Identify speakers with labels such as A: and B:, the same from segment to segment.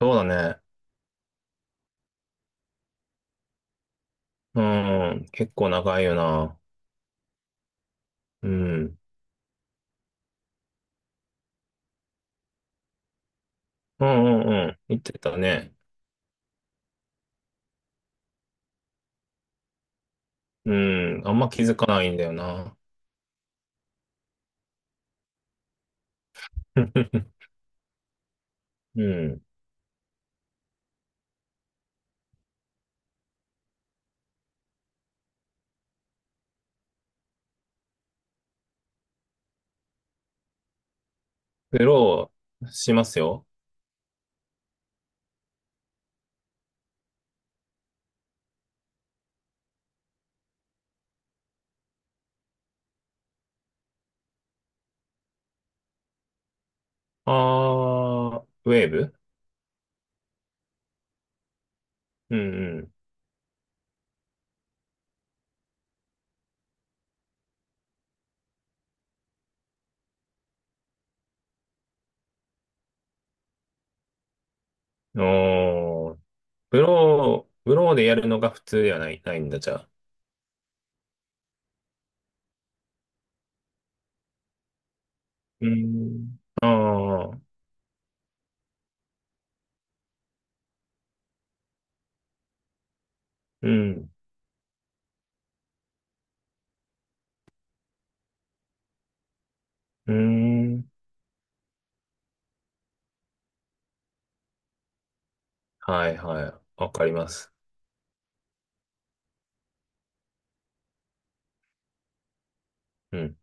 A: そうだね。うん、うん結構長いよな。うん。うんうんうん。言ってたね。うん。あんま気づかないんだよな。うん。グローしますよ。あー、ウェーブ。うんうん。おー、ブローでやるのが普通ではないんだ、じゃあ。うん。あー、うん。うん。はいはい。わかります。うん。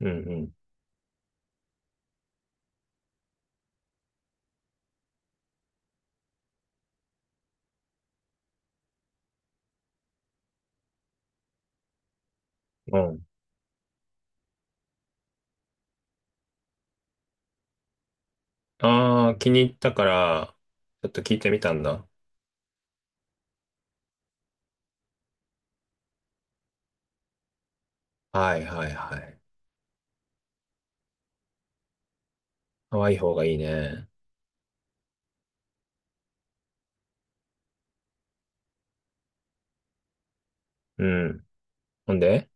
A: うんうん。ああ、気に入ったから、ちょっと聞いてみたんだ。はいはいはい。可愛い方がいいね。うん。ほんで、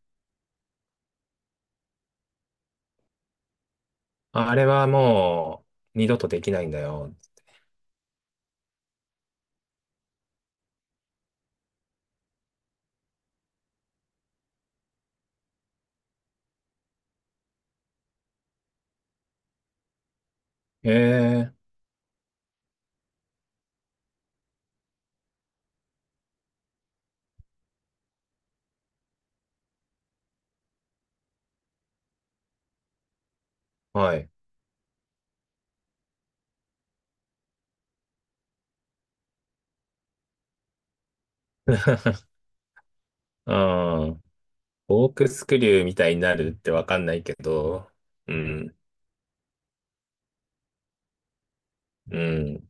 A: あれはもう二度とできないんだよ。ええ、はい。ああ、コークスクリューみたいになるってわかんないけど、うん、うん。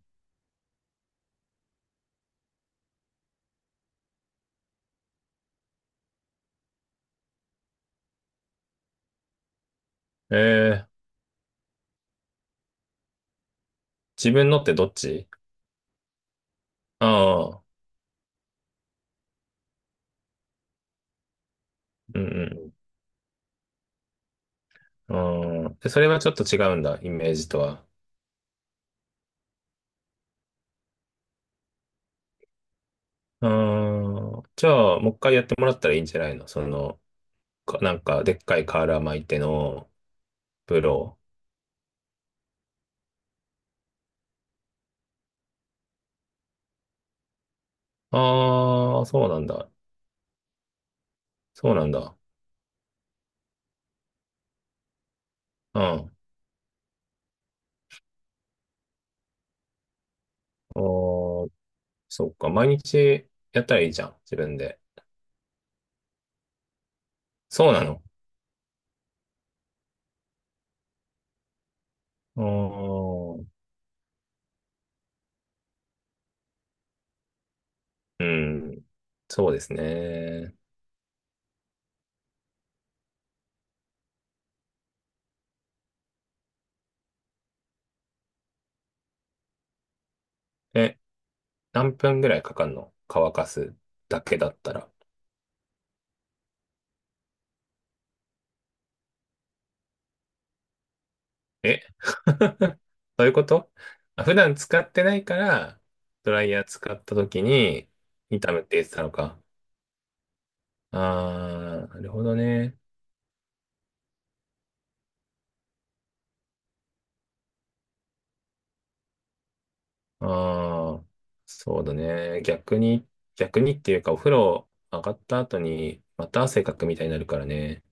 A: ええ、自分のってどっち？ああ、うんうん。ああ、でそれはちょっと違うんだ、イメージとは。ああ、じゃあ、もう一回やってもらったらいいんじゃないの、その、か、なんか、でっかい瓦巻いてのプロ。ああ、そうなんだ。そうなんだ。うん。あーそっか。毎日やったらいいじゃん。自分で。そうなの。あーうん。そうですね。え、何分ぐらいかかんの？乾かすだけだったら。え。 そういうこと？あ、普段使ってないから、ドライヤー使った時に、痛むって言ってたのか。ああ、なるほどね。ああ、そうだね。逆にっていうか、お風呂上がった後に、また汗かくみたいになるからね。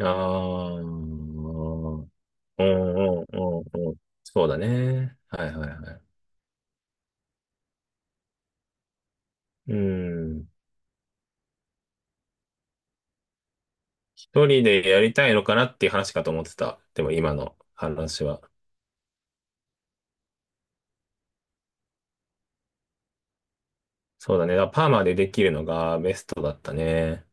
A: ああ、うんうんうんうん。そうだね。はいはいはい。うん。一人でやりたいのかなっていう話かと思ってた。でも今の話は。そうだね。だからパーマでできるのがベストだったね。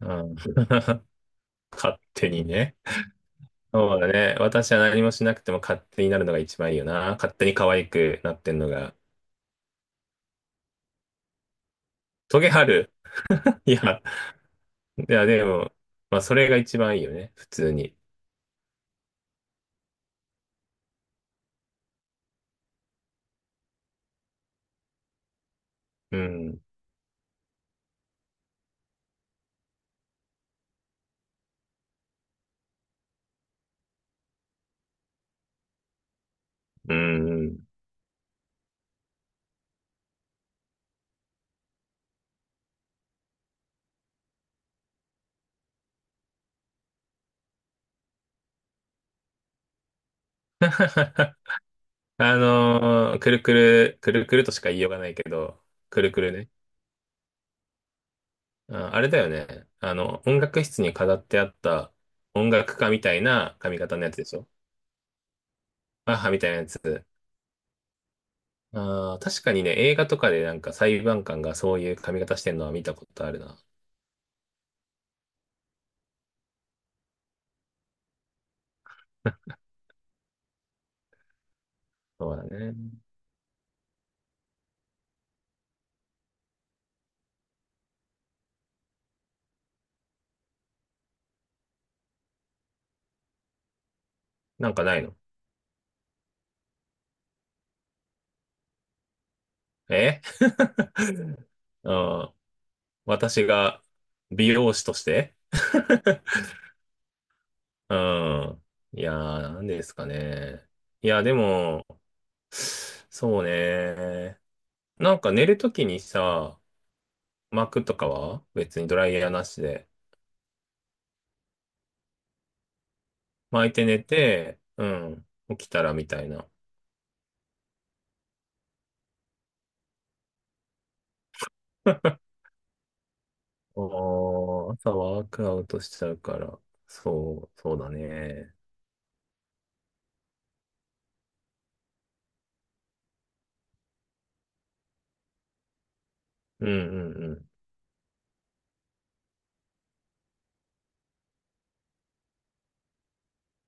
A: うん。勝手にね。そうだね。私は何もしなくても勝手になるのが一番いいよな。勝手に可愛くなってんのが。トゲある？ いや、いや、でも、まあ、それが一番いいよね。普通に。うん。うん。くるくる、くるくるとしか言いようがないけど。くるくるね。あ、あれだよね。あの、音楽室に飾ってあった音楽家みたいな髪型のやつでしょ？母みたいなやつ。あー確かにね、映画とかでなんか裁判官がそういう髪型してるのは見たことあるな。そうだね。なんかないの？え。 うん。私が美容師として。 うん。いやー、なんですかね。いや、でも、そうね。なんか寝るときにさ、巻くとかは別にドライヤーなしで巻いて寝て、うん、起きたらみたいな。おー、朝ワークアウトしちゃうから。そう、そうだね。うんうん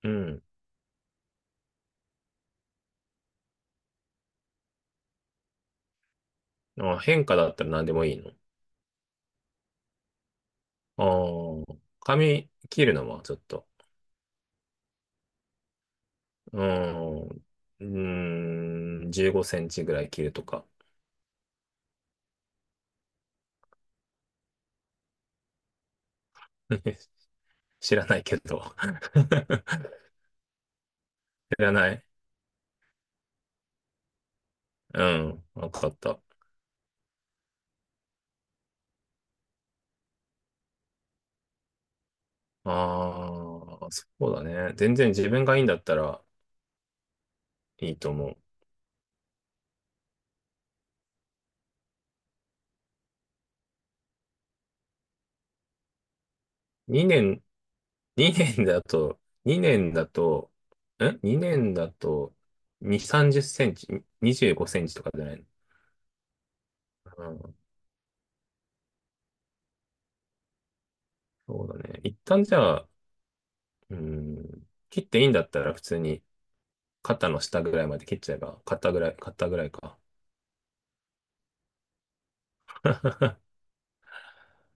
A: うん。うん。あ、変化だったら何でもいいの？ああ、髪切るのはちょっと、うーん、うーん、15センチぐらい切るとか。知らないけど。知らない。うん、わかった。ああ、そうだね。全然自分がいいんだったらいいと思う。2年、2年だと、2年だと、2 年だと、2、30センチ、25センチとかじゃないの？うん、そうだね。一旦じゃあ、うん、切っていいんだったら普通に肩の下ぐらいまで切っちゃえば、肩ぐらいか。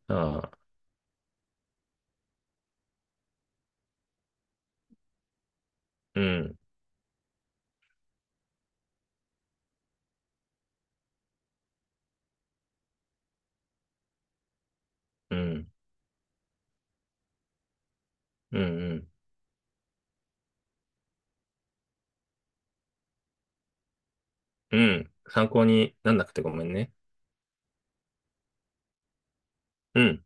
A: ああ、うん、うん、うん、うん、うん。参考になんなくてごめんね。うん。